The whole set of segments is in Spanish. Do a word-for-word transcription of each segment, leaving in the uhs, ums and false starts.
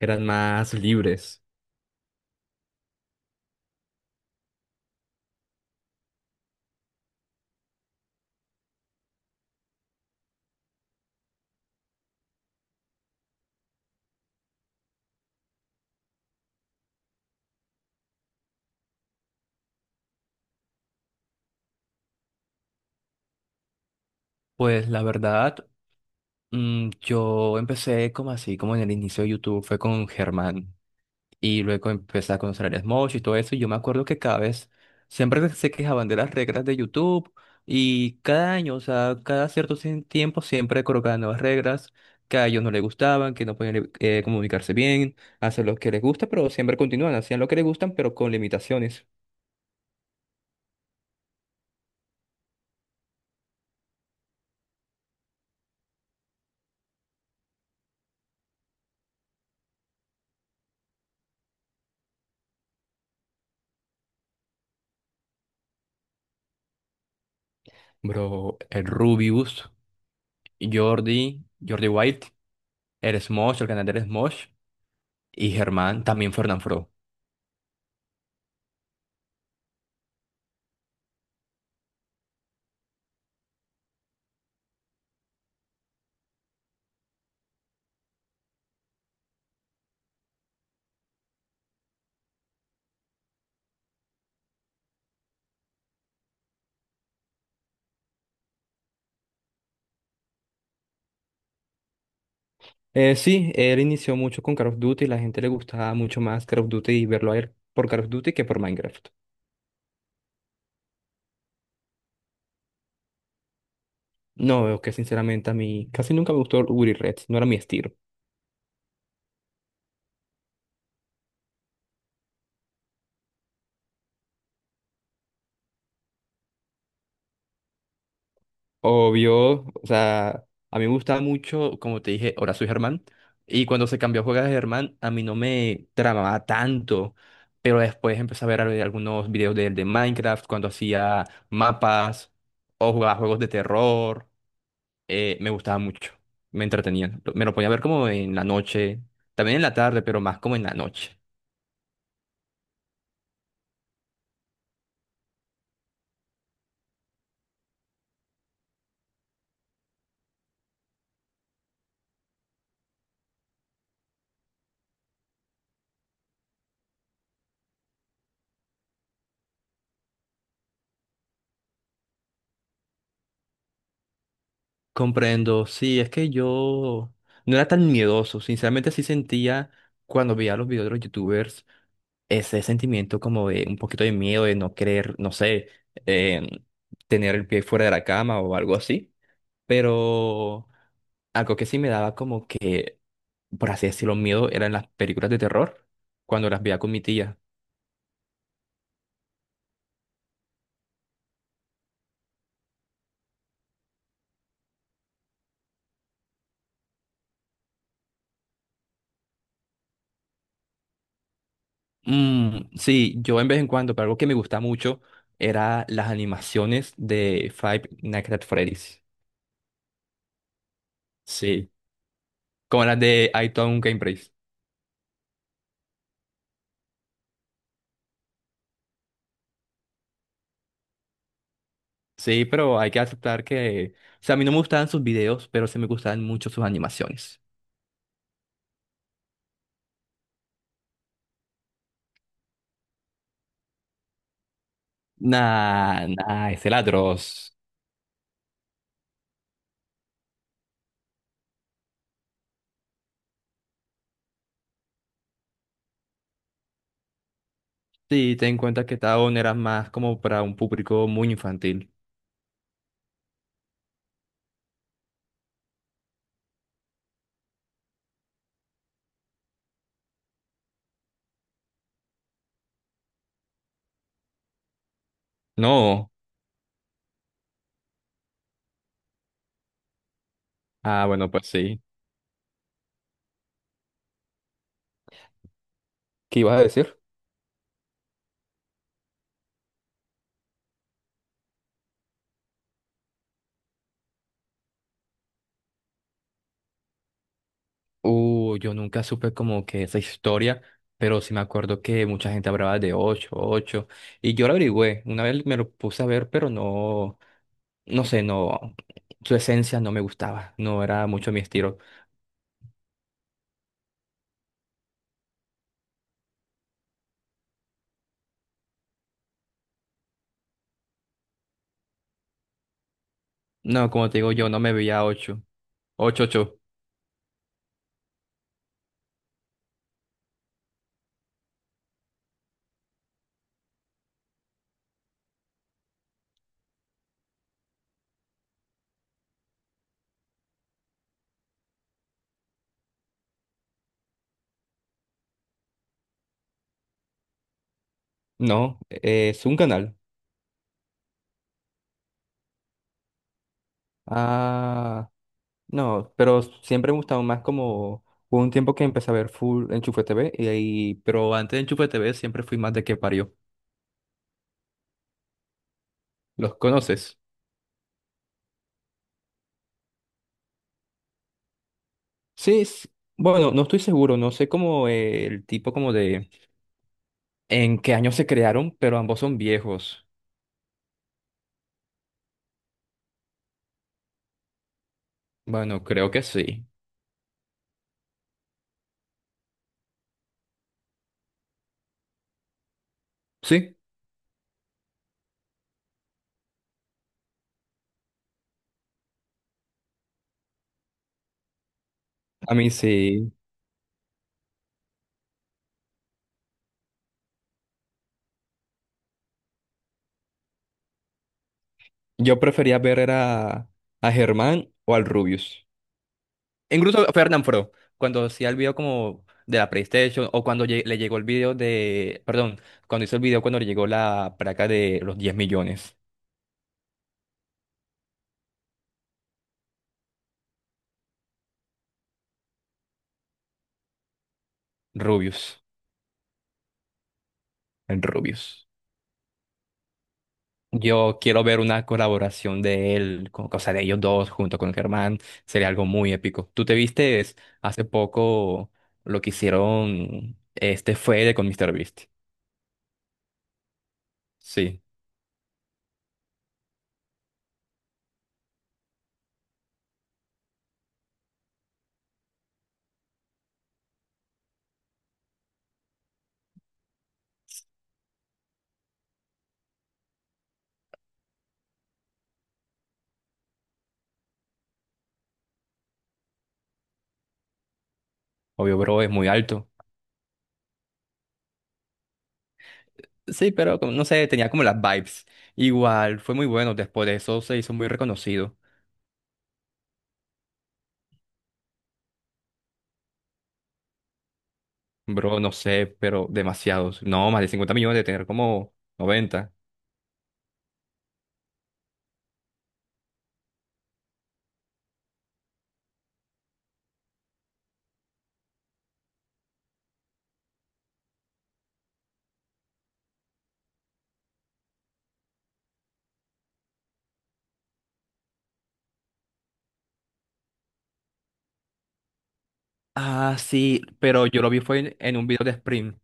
Eran más libres. Pues la verdad, mm, yo empecé como así, como en el inicio de YouTube, fue con Germán y luego empecé a conocer a Smosh y todo eso. Y yo me acuerdo que cada vez siempre se quejaban de las reglas de YouTube y cada año, o sea, cada cierto cien- tiempo siempre colocaban nuevas reglas que a ellos no les gustaban, que no podían eh, eh, comunicarse bien, hacer lo que les gusta, pero siempre continúan, hacían lo que les gustan, pero con limitaciones. Bro, el Rubius, Jordi, Jordi Wild. Eres Mosh, el canal de Eres Mosh y Germán también Fernán Fro. Eh, sí, él inició mucho con Call of Duty, la gente le gustaba mucho más Call of Duty y verlo a él por Call of Duty que por Minecraft. No, veo que sinceramente a mí casi nunca me gustó Uri Red, no era mi estilo. Obvio, o sea, a mí me gustaba mucho, como te dije, ahora soy Germán, y cuando se cambió a jugar de Germán, a mí no me tramaba tanto, pero después empecé a ver al- algunos videos de él de Minecraft, cuando hacía mapas o jugaba juegos de terror. Eh, me gustaba mucho, me entretenía. Lo- Me lo ponía a ver como en la noche, también en la tarde, pero más como en la noche. Comprendo, sí, es que yo no era tan miedoso, sinceramente sí sentía cuando veía los videos de los youtubers ese sentimiento como de un poquito de miedo, de no querer, no sé, em, tener el pie fuera de la cama o algo así, pero algo que sí me daba como que, por así decirlo, miedo eran las películas de terror cuando las veía con mi tía. Mm, sí, yo en vez en cuando, pero algo que me gusta mucho era las animaciones de Five Nights at Freddy's. Sí, como las de I Town Game Race. Sí, pero hay que aceptar que, o sea, a mí no me gustaban sus videos, pero sí me gustaban mucho sus animaciones. Nah, nah, es el atroz. Sí, ten en cuenta que Town era más como para un público muy infantil. No. Ah, bueno, pues sí. ¿Qué ibas a decir? Uh, yo nunca supe como que esa historia, pero sí me acuerdo que mucha gente hablaba de ocho, ocho, y yo lo averigüé, una vez me lo puse a ver, pero no, no sé, no, su esencia no me gustaba, no era mucho mi estilo. No, como te digo, yo no me veía ocho, ocho, ocho. No, eh, es un canal. Ah, no, pero siempre me gustaba más como, hubo un tiempo que empecé a ver full Enchufe T V, y, ahí- pero antes de Enchufe T V siempre fui más de que parió. ¿Los conoces? Sí, s- bueno, no estoy seguro, no sé cómo eh, el tipo como de en qué año se crearon, pero ambos son viejos. Bueno, creo que sí. Sí, a mí sí. Yo prefería ver era a Germán o al Rubius. Incluso a Fernán Fro, cuando hacía el video como de la PlayStation o cuando lle- le llegó el video de, perdón, cuando hizo el video cuando le llegó la placa de los diez millones. Rubius, el Rubius. Yo quiero ver una colaboración de él, con, o sea, de ellos dos junto con Germán, sería algo muy épico. ¿Tú te viste hace poco lo que hicieron este Fede con míster Beast? Sí, obvio, bro, es muy alto. Sí, pero como, no sé, tenía como las vibes. Igual, fue muy bueno, después de eso se hizo muy reconocido. Bro, no sé, pero demasiados. No, más de cincuenta millones, de tener como noventa. Ah, sí, pero yo lo vi fue en, en un video de Spring.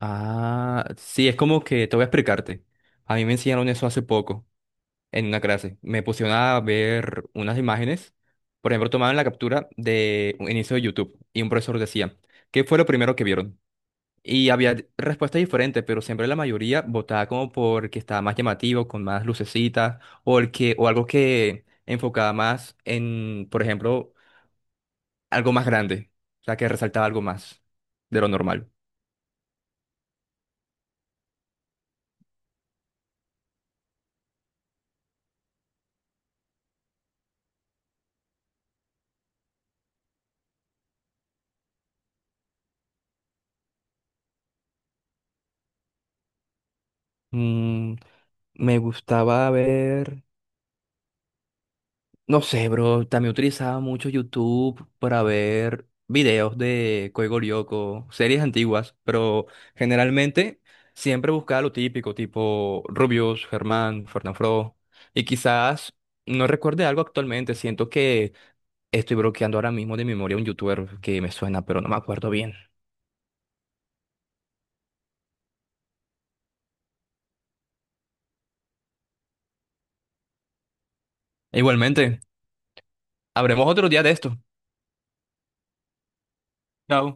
Ah, sí, es como que te voy a explicarte. A mí me enseñaron eso hace poco en una clase. Me pusieron a ver unas imágenes. Por ejemplo, tomaban la captura de un inicio de YouTube y un profesor decía, ¿qué fue lo primero que vieron? Y había d- respuestas diferentes, pero siempre la mayoría votaba como por el que estaba más llamativo, con más lucecitas, o el que, o algo que enfocaba más en, por ejemplo, algo más grande, o sea, que resaltaba algo más de lo normal. Mm, me gustaba ver. No sé, bro, también utilizaba mucho YouTube para ver videos de Código Lyoko, series antiguas, pero generalmente siempre buscaba lo típico, tipo Rubius, Germán, Fernanfloo, y quizás no recuerde algo actualmente, siento que estoy bloqueando ahora mismo de memoria un youtuber que me suena, pero no me acuerdo bien. Igualmente, habremos otro día de esto. Chao.